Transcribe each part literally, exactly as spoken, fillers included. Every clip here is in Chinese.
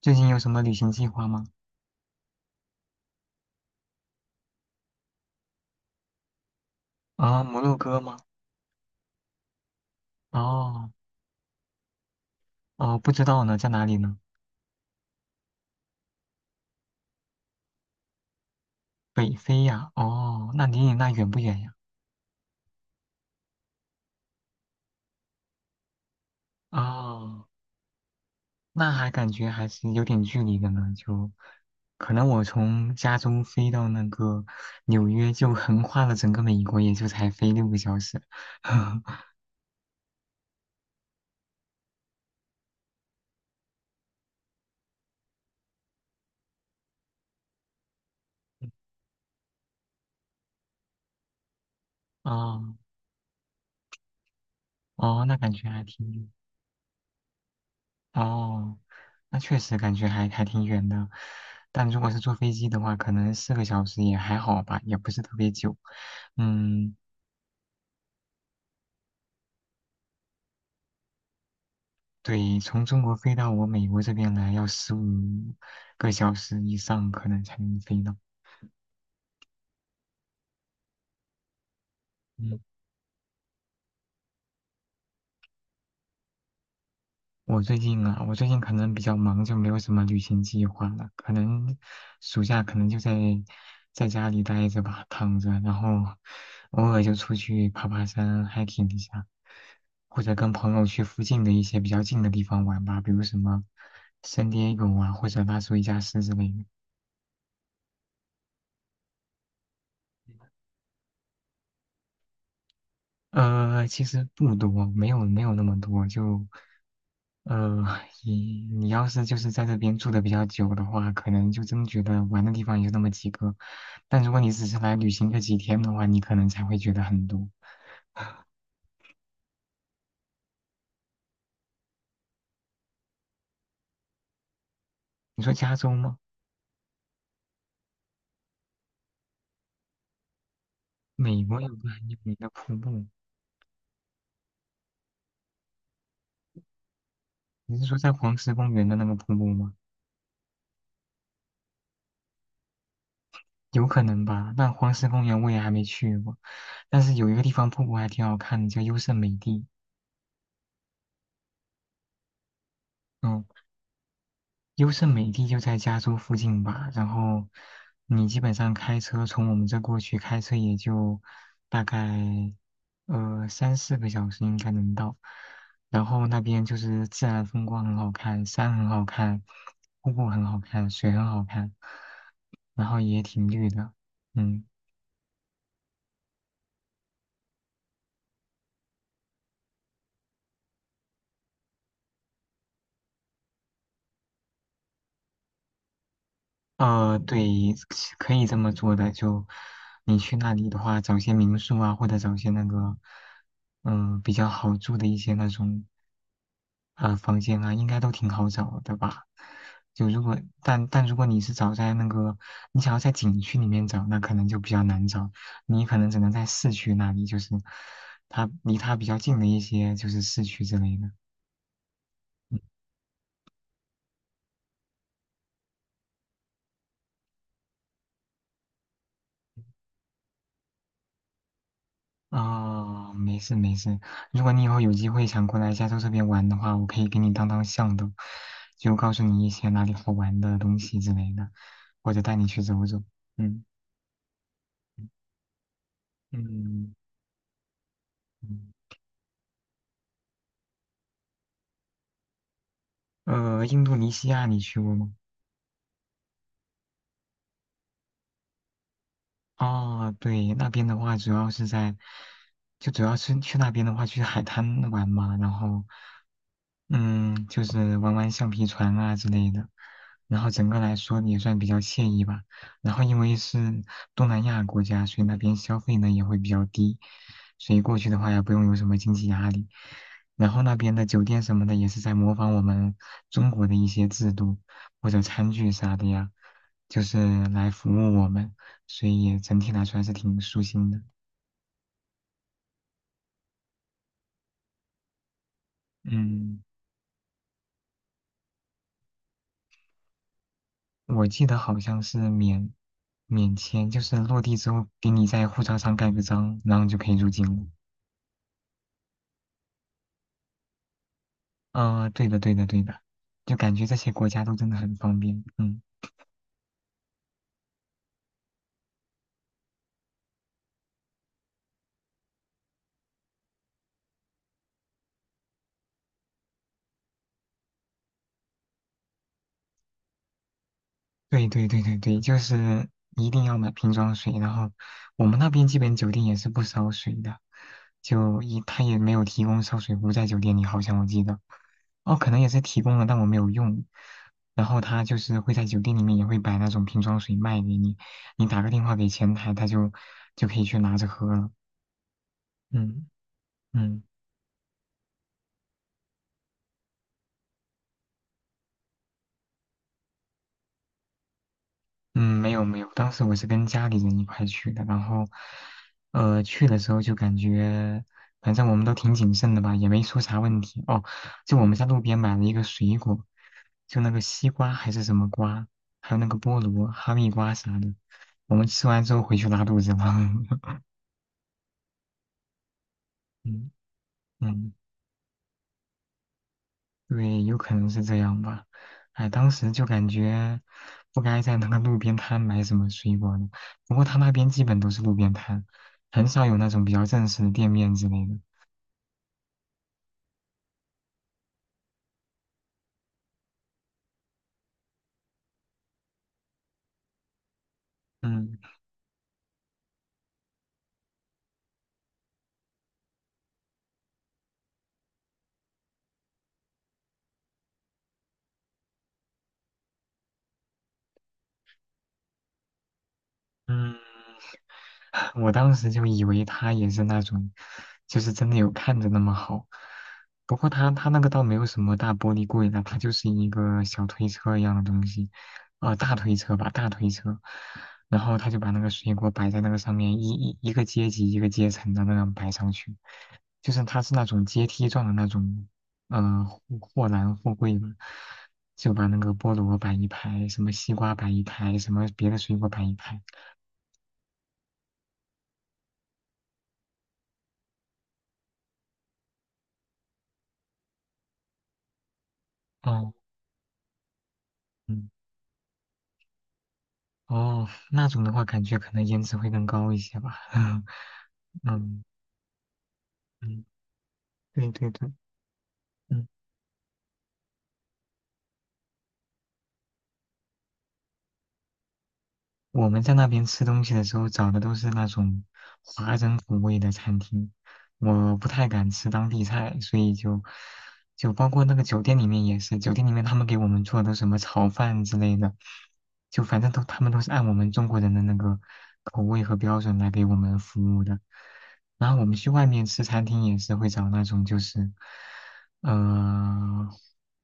最近有什么旅行计划吗？啊，摩洛哥吗？哦，哦，不知道呢，在哪里呢？北非呀？哦，那离你那远不远呀？哦，那还感觉还是有点距离的呢，就可能我从加州飞到那个纽约，就横跨了整个美国，也就才飞六个小时。哦，哦，那感觉还挺远。哦。那确实感觉还还挺远的，但如果是坐飞机的话，可能四个小时也还好吧，也不是特别久。嗯，对，从中国飞到我美国这边来要十五个小时以上，可能才能飞到。嗯，我最近啊，我最近可能比较忙，就没有什么旅行计划了。可能暑假可能就在在家里待着吧，躺着，然后偶尔就出去爬爬山，hiking 一下，或者跟朋友去附近的一些比较近的地方玩吧，比如什么圣地亚哥啊，或者拉出一家斯之类的。呃，其实不多，没有没有那么多，就呃，你你要是就是在这边住的比较久的话，可能就真觉得玩的地方也就那么几个。但如果你只是来旅行个几天的话，你可能才会觉得很多。你说加州吗？美国有个很有名的瀑布，你是说在黄石公园的那个瀑布吗？有可能吧。但黄石公园我也还没去过，但是有一个地方瀑布还挺好看的，叫优胜美地。嗯。优胜美地就在加州附近吧，然后你基本上开车从我们这过去，开车也就大概呃三四个小时应该能到。然后那边就是自然风光很好看，山很好看，瀑布很好看，水很好看，然后也挺绿的，嗯。呃，对，可以这么做的。就你去那里的话，找些民宿啊，或者找些那个，嗯、比较好住的一些那种啊、房间啊，应该都挺好找的吧？就如果但但如果你是找在那个，你想要在景区里面找，那可能就比较难找，你可能只能在市区那里，就是它离它比较近的一些就是市区之类的。嗯，啊、没事没事。如果你以后有机会想过来加州这边玩的话，我可以给你当当向导，就告诉你一些哪里好玩的东西之类的，或者带你去走走。嗯，嗯，嗯。呃，印度尼西亚你去过吗？啊，对，那边的话主要是在，就主要是去那边的话去海滩玩嘛，然后。嗯，就是玩玩橡皮船啊之类的，然后整个来说也算比较惬意吧。然后因为是东南亚国家，所以那边消费呢也会比较低，所以过去的话也不用有什么经济压力。然后那边的酒店什么的也是在模仿我们中国的一些制度或者餐具啥的呀，就是来服务我们，所以整体来说还是挺舒心的。嗯。我记得好像是免免签，就是落地之后给你在护照上盖个章，然后就可以入境了。啊、对的，对的，对的，就感觉这些国家都真的很方便。嗯。对对对对对，就是一定要买瓶装水，然后我们那边基本酒店也是不烧水的，就一他也没有提供烧水壶在酒店里，好像我记得，哦，可能也是提供了，但我没有用。然后他就是会在酒店里面也会摆那种瓶装水卖给你，你打个电话给前台，他就就可以去拿着喝了。嗯，嗯。嗯，没有没有，当时我是跟家里人一块去的，然后，呃，去的时候就感觉，反正我们都挺谨慎的吧，也没出啥问题。哦，就我们在路边买了一个水果，就那个西瓜还是什么瓜，还有那个菠萝、哈密瓜啥的，我们吃完之后回去拉肚子了。嗯，嗯。对，有可能是这样吧。哎，当时就感觉不该在那个路边摊买什么水果呢。不过他那边基本都是路边摊，很少有那种比较正式的店面之类的。嗯，嗯，我当时就以为他也是那种，就是真的有看着那么好。不过他他那个倒没有什么大玻璃柜的，它就是一个小推车一样的东西，呃，大推车吧，大推车。然后他就把那个水果摆在那个上面，一一一个阶级一个阶层的那样摆上去，就是他是那种阶梯状的那种，呃，货货篮货柜嘛，就把那个菠萝摆一排，什么西瓜摆一排，什么别的水果摆一排。哦，嗯。哦，那种的话，感觉可能颜值会更高一些吧。嗯，嗯，对对对，嗯。我们在那边吃东西的时候找的都是那种华人口味的餐厅，我不太敢吃当地菜，所以就就包括那个酒店里面也是，酒店里面他们给我们做的什么炒饭之类的，就反正都他们都是按我们中国人的那个口味和标准来给我们服务的。然后我们去外面吃餐厅也是会找那种就是呃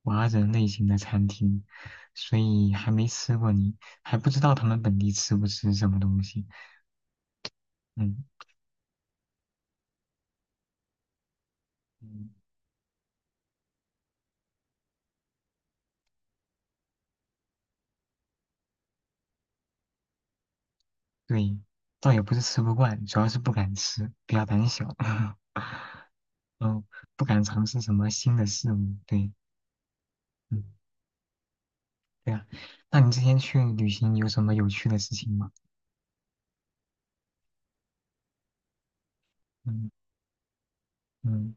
华人类型的餐厅，所以还没吃过你。还不知道他们本地吃不吃什么东西。嗯，嗯，对，倒也不是吃不惯，主要是不敢吃，比较胆小。嗯，不敢尝试什么新的事物。对，嗯，对呀。那你之前去旅行有什么有趣的事情吗？嗯，嗯，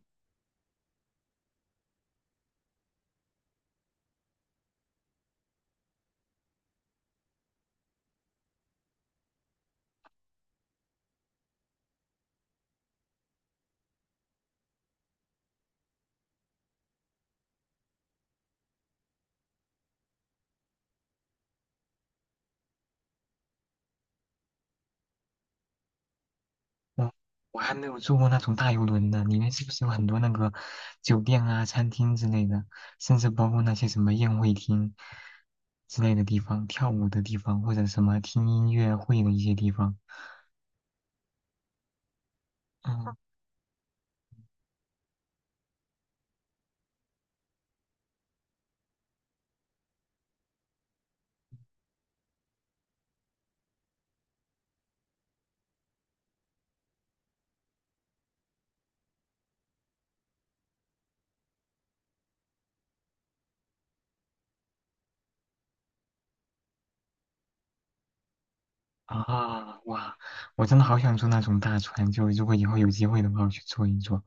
我我还没有坐过那种大游轮呢，里面是不是有很多那个酒店啊、餐厅之类的，甚至包括那些什么宴会厅之类的地方、跳舞的地方，或者什么听音乐会的一些地方？嗯，啊，哇！我真的好想坐那种大船，就如果以后有机会的话，我去坐一坐，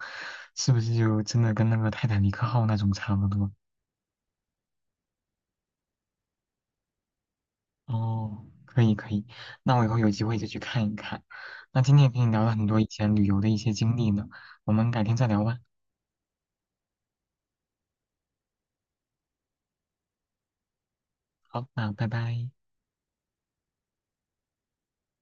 是不是就真的跟那个泰坦尼克号那种差不多？哦，可以可以，那我以后有机会就去看一看。那今天也跟你聊了很多以前旅游的一些经历呢，我们改天再聊吧。好，那拜拜。